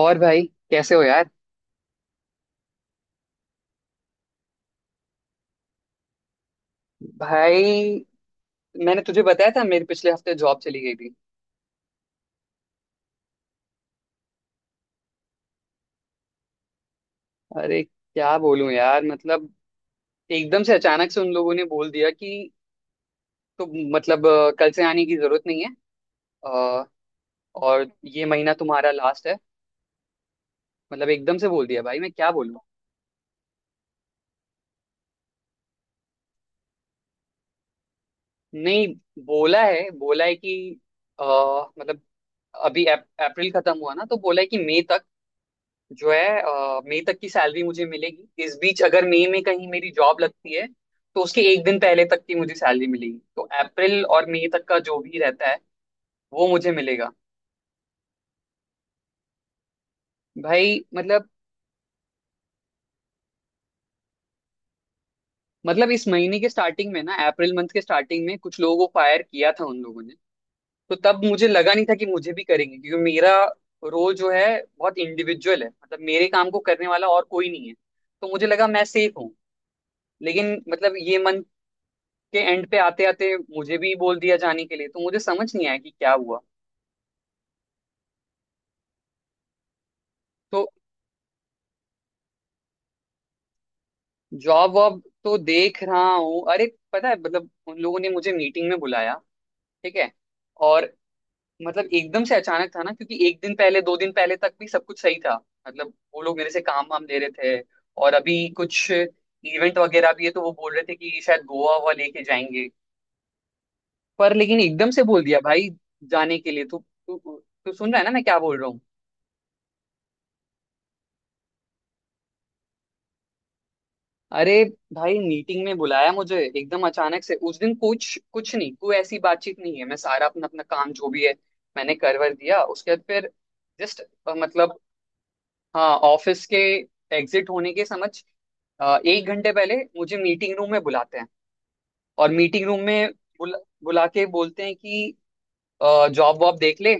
और भाई, कैसे हो यार? भाई, मैंने तुझे बताया था, मेरे पिछले हफ्ते जॉब चली गई थी। अरे क्या बोलूं यार, मतलब एकदम से अचानक से उन लोगों ने बोल दिया कि तुम, मतलब कल से आने की जरूरत नहीं है। अ, और ये महीना तुम्हारा लास्ट है। मतलब एकदम से बोल दिया भाई, मैं क्या बोलूं। नहीं, बोला है, बोला है कि अ, मतलब अभी अप्रैल खत्म हुआ ना, तो बोला है कि मई तक जो है मई तक की सैलरी मुझे मिलेगी। इस बीच अगर मई में कहीं मेरी जॉब लगती है, तो उसके एक दिन पहले तक की मुझे सैलरी मिलेगी, तो अप्रैल और मई तक का जो भी रहता है वो मुझे मिलेगा। भाई मतलब, मतलब इस महीने के स्टार्टिंग में ना, अप्रैल मंथ के स्टार्टिंग में कुछ लोगों को फायर किया था उन लोगों ने। तो तब मुझे लगा नहीं था कि मुझे भी करेंगे, क्योंकि मेरा रोल जो है बहुत इंडिविजुअल है, मतलब मेरे काम को करने वाला और कोई नहीं है, तो मुझे लगा मैं सेफ हूँ। लेकिन मतलब ये मंथ के एंड पे आते आते मुझे भी बोल दिया जाने के लिए, तो मुझे समझ नहीं आया कि क्या हुआ। तो जॉब वॉब तो देख रहा हूँ। अरे पता है, मतलब उन लोगों ने मुझे मीटिंग में बुलाया, ठीक है, और मतलब एकदम से अचानक था ना, क्योंकि एक दिन पहले, दो दिन पहले तक भी सब कुछ सही था। मतलब वो लोग मेरे से काम वाम ले रहे थे, और अभी कुछ इवेंट वगैरह भी है तो वो बोल रहे थे कि शायद गोवा हुआ लेके जाएंगे। पर लेकिन एकदम से बोल दिया भाई जाने के लिए। तू तू तू सुन रहा है ना मैं क्या बोल रहा हूँ? अरे भाई, मीटिंग में बुलाया मुझे एकदम अचानक से, उस दिन कुछ कुछ नहीं, कोई ऐसी बातचीत नहीं है, मैं सारा अपना अपना काम जो भी है मैंने करवर दिया, उसके बाद फिर जस्ट मतलब, हाँ ऑफिस के एग्जिट होने के समझ 1 घंटे पहले मुझे मीटिंग रूम में बुलाते हैं, और मीटिंग रूम में बुला, बुला के बोलते हैं कि जॉब वॉब देख ले,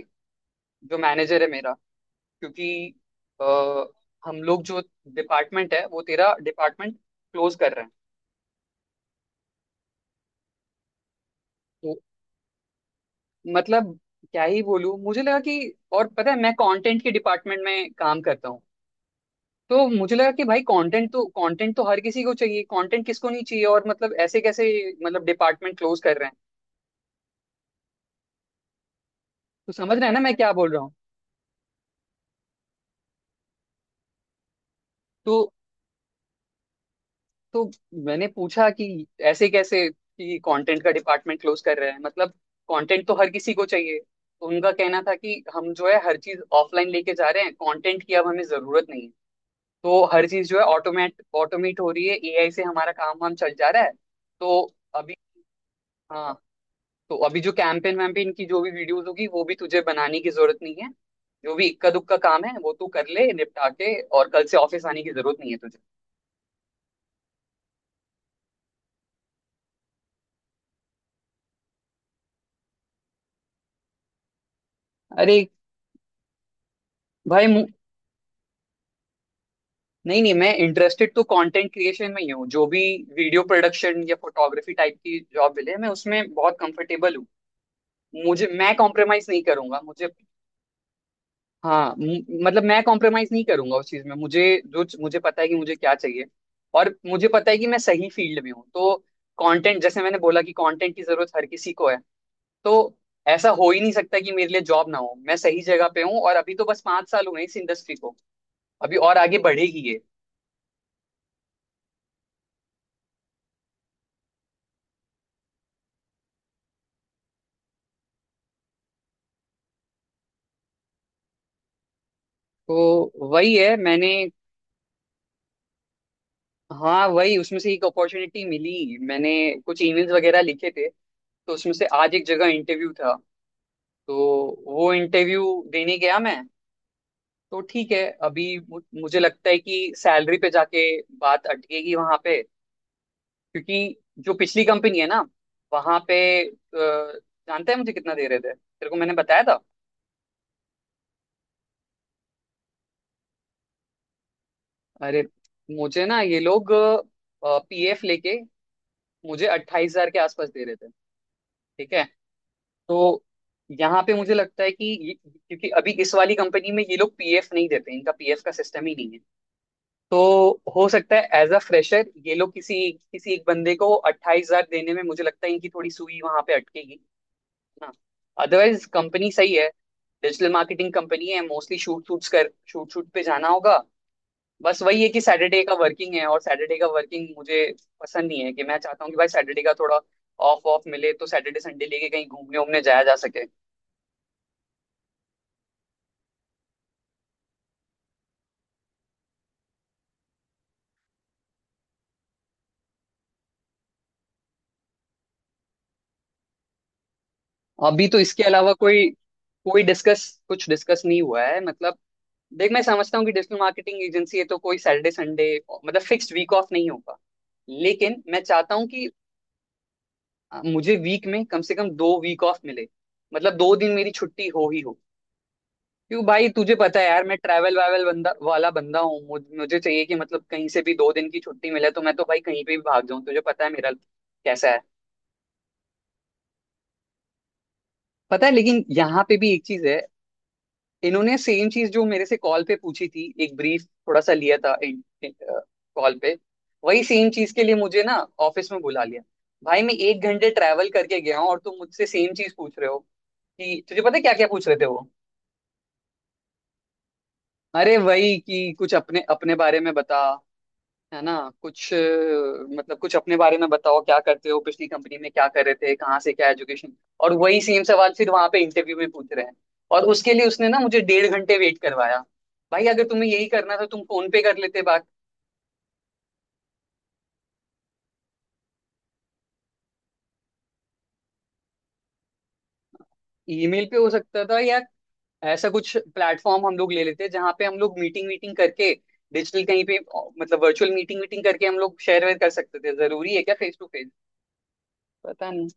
जो मैनेजर है मेरा, क्योंकि अ, हम लोग जो डिपार्टमेंट है, वो तेरा डिपार्टमेंट क्लोज कर रहे हैं। मतलब क्या ही बोलूं, मुझे लगा कि, और पता है मैं कंटेंट के डिपार्टमेंट में काम करता हूँ, तो मुझे लगा कि भाई कंटेंट तो, कंटेंट तो हर किसी को चाहिए, कंटेंट किसको नहीं चाहिए, और मतलब ऐसे कैसे मतलब डिपार्टमेंट क्लोज कर रहे हैं। तो समझ रहे हैं ना मैं क्या बोल रहा हूँ? तो तो मैंने पूछा कि ऐसे कैसे कि कंटेंट का डिपार्टमेंट क्लोज कर रहे हैं, मतलब कंटेंट तो हर किसी को चाहिए। तो उनका कहना था कि हम जो है हर चीज ऑफलाइन लेके जा रहे हैं, कंटेंट की अब हमें जरूरत नहीं है, तो हर चीज जो है ऑटोमेट ऑटोमेट हो रही है, एआई से हमारा काम वाम चल जा रहा है। तो अभी, हाँ, तो अभी जो कैंपेन वैम्पेन की जो भी वीडियोस होगी वो भी तुझे बनाने की जरूरत नहीं है, जो भी इक्का दुक्का काम है वो तू कर ले निपटा के, और कल से ऑफिस आने की जरूरत नहीं है तुझे। अरे भाई नहीं नहीं, मैं इंटरेस्टेड तो कंटेंट क्रिएशन में ही हूँ, जो भी वीडियो प्रोडक्शन या फोटोग्राफी टाइप की जॉब मिले मैं उसमें बहुत कंफर्टेबल हूँ। मुझे मैं कॉम्प्रोमाइज नहीं करूंगा मुझे, हाँ मतलब मैं कॉम्प्रोमाइज नहीं करूंगा उस चीज में, मुझे जो, मुझे पता है कि मुझे क्या चाहिए, और मुझे पता है कि मैं सही फील्ड में हूँ। तो कंटेंट, जैसे मैंने बोला कि कंटेंट की जरूरत हर किसी को है, तो ऐसा हो ही नहीं सकता कि मेरे लिए जॉब ना हो, मैं सही जगह पे हूँ, और अभी तो बस 5 साल हुए हैं इस इंडस्ट्री को, अभी और आगे बढ़ेगी ये। तो वही है, मैंने, हाँ वही, उसमें से एक अपॉर्चुनिटी मिली, मैंने कुछ ईमेल्स वगैरह लिखे थे तो उसमें से आज एक जगह इंटरव्यू था, तो वो इंटरव्यू देने गया मैं। तो ठीक है, अभी मुझे लगता है कि सैलरी पे जाके बात अटकेगी वहां पे, क्योंकि जो पिछली कंपनी है ना, वहां पे अ, जानते हैं मुझे कितना दे रहे थे, तेरे को मैंने बताया था। अरे, मुझे ना ये लोग पीएफ लेके मुझे 28,000 के आसपास दे रहे थे, ठीक है। तो यहाँ पे मुझे लगता है कि ये, क्योंकि अभी इस वाली कंपनी में ये लोग पीएफ नहीं देते, इनका पीएफ का सिस्टम ही नहीं, तो हो सकता है एज अ फ्रेशर ये लोग किसी किसी एक बंदे को 28,000 देने में, मुझे लगता है इनकी थोड़ी सुई वहां पे अटकेगी ना। अदरवाइज कंपनी सही है, डिजिटल मार्केटिंग कंपनी है, मोस्टली शूट शूट पे जाना होगा। बस वही है कि सैटरडे का वर्किंग है, और सैटरडे का वर्किंग मुझे पसंद नहीं है, कि मैं चाहता हूँ कि भाई सैटरडे का थोड़ा ऑफ ऑफ मिले, तो सैटरडे संडे लेके कहीं घूमने उमने जाया जा सके। अभी तो इसके अलावा कोई, कोई डिस्कस, कुछ डिस्कस नहीं हुआ है, मतलब देख मैं समझता हूँ कि डिजिटल मार्केटिंग एजेंसी है, तो कोई सैटरडे संडे मतलब फिक्स्ड वीक ऑफ नहीं होगा, लेकिन मैं चाहता हूँ कि मुझे वीक में कम से कम 2 वीक ऑफ मिले, मतलब 2 दिन मेरी छुट्टी हो ही हो। क्योंकि भाई तुझे पता है यार, मैं ट्रैवल वावल बंदा हूँ, मुझे चाहिए कि मतलब कहीं से भी 2 दिन की छुट्टी मिले तो मैं तो भाई कहीं पे भी भाग जाऊँ, तुझे पता है मेरा कैसा है। पता है, लेकिन यहाँ पे भी एक चीज है, इन्होंने सेम चीज जो मेरे से कॉल पे पूछी थी एक ब्रीफ थोड़ा सा लिया था कॉल पे, वही सेम चीज के लिए मुझे ना ऑफिस में बुला लिया। भाई मैं 1 घंटे ट्रैवल करके गया हूँ और तुम मुझसे सेम चीज पूछ रहे हो, कि तुझे पता है क्या क्या पूछ रहे थे वो? अरे वही कि कुछ अपने अपने बारे में बता, है ना, कुछ मतलब कुछ अपने बारे में बताओ, क्या करते हो, पिछली कंपनी में क्या कर रहे थे, कहाँ से क्या एजुकेशन, और वही सेम सवाल फिर वहां पे इंटरव्यू में पूछ रहे हैं, और उसके लिए उसने ना मुझे डेढ़ घंटे वेट करवाया। भाई अगर तुम्हें यही करना था तुम फोन पे कर लेते बात, ईमेल पे हो सकता था या ऐसा कुछ प्लेटफॉर्म हम लोग ले लेते जहाँ पे हम लोग मीटिंग वीटिंग करके, डिजिटल कहीं पे मतलब वर्चुअल मीटिंग वीटिंग करके हम लोग शेयर वेयर कर सकते थे, जरूरी है क्या फेस टू फेस? पता नहीं।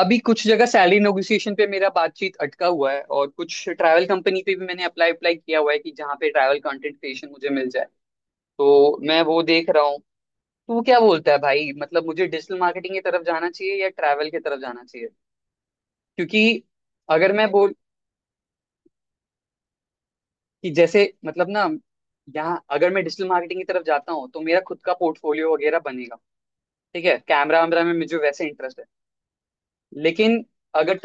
अभी कुछ जगह सैलरी नेगोशिएशन पे मेरा बातचीत अटका हुआ है, और कुछ ट्रैवल कंपनी पे भी मैंने अप्लाई अप्लाई किया हुआ है कि जहाँ पे ट्रैवल कंटेंट क्रिएशन मुझे मिल जाए, तो मैं वो देख रहा हूँ। तू क्या बोलता है भाई, मतलब मुझे डिजिटल मार्केटिंग की तरफ जाना चाहिए या ट्रैवल की तरफ जाना चाहिए? क्योंकि अगर मैं बोल कि जैसे मतलब ना, यहाँ अगर मैं डिजिटल मार्केटिंग की तरफ जाता हूँ तो मेरा खुद का पोर्टफोलियो वगैरह बनेगा, ठीक है, कैमरा वैमरा में मुझे वैसे इंटरेस्ट, लेकिन अगर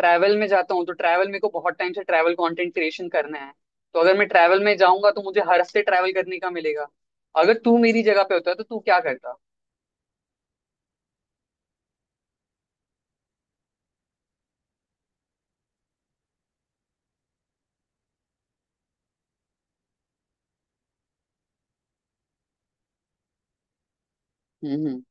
ट्रैवल में जाता हूँ तो ट्रैवल, मेरे को बहुत टाइम से ट्रैवल कंटेंट क्रिएशन करना है, तो अगर मैं ट्रैवल में जाऊंगा तो मुझे हर हफ्ते ट्रैवल करने का मिलेगा। अगर तू मेरी जगह पे होता तो तू क्या करता? हम्म।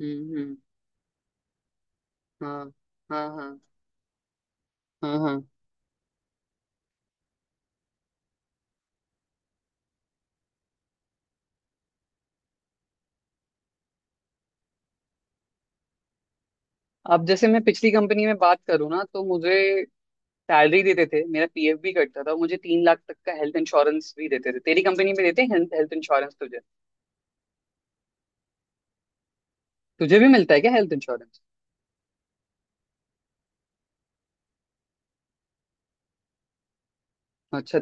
हम्म। हाँ। हाँ। हाँ। हाँ। हाँ। अब जैसे मैं पिछली कंपनी में बात करूँ ना, तो मुझे सैलरी देते थे, मेरा पीएफ भी कटता था, मुझे 3 लाख तक का हेल्थ इंश्योरेंस भी देते थे। तेरी कंपनी में देते हैं हेल्थ इंश्योरेंस तुझे? तुझे भी मिलता है क्या हेल्थ इंश्योरेंस? अच्छा,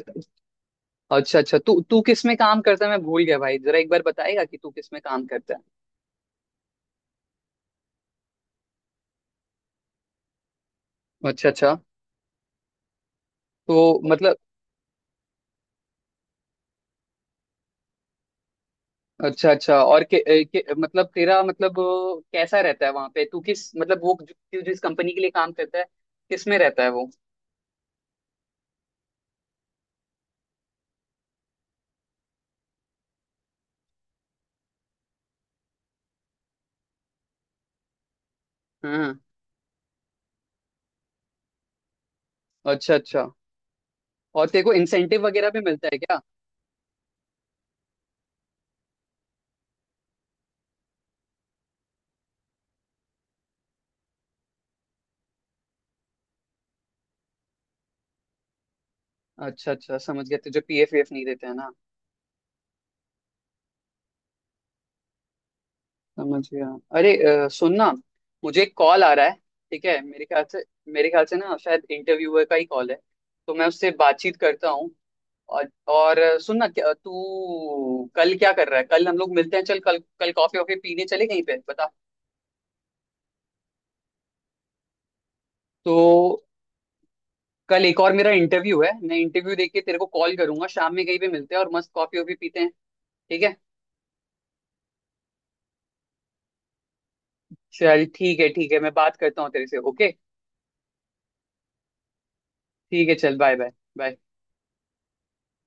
अच्छा अच्छा। तू तू किस में काम करता है? मैं भूल गया भाई, जरा एक बार बताएगा कि तू किस में काम करता है? अच्छा अच्छा। तो मतलब अच्छा अच्छा, और के, ए, के, मतलब तेरा मतलब कैसा रहता है वहां पे? तू किस मतलब वो जो, तू जिस कंपनी के लिए काम करता है किस में रहता है वो? हम्म। अच्छा अच्छा, और तेरे को इंसेंटिव वगैरह भी मिलता है क्या? अच्छा अच्छा समझ गया, तुझे पीएफ वीएफ नहीं देते हैं ना? समझ गया। अरे सुन ना, मुझे एक कॉल आ रहा है, ठीक है। मेरे ख्याल से, मेरे ख्याल से ना शायद इंटरव्यूअर का ही कॉल है, तो मैं उससे बातचीत करता हूँ। और सुन ना, क्या तू कल क्या कर रहा है? कल हम लोग मिलते हैं, चल कल कल कॉफी वॉफी पीने चले कहीं पे, बता। तो कल एक और मेरा इंटरव्यू है, मैं इंटरव्यू देके तेरे को कॉल करूंगा, शाम में कहीं पे मिलते हैं और मस्त कॉफी वॉफी पीते हैं, ठीक है? चल ठीक है, ठीक है, मैं बात करता हूँ तेरे से, ओके। ठीक है, चल बाय बाय। बाय।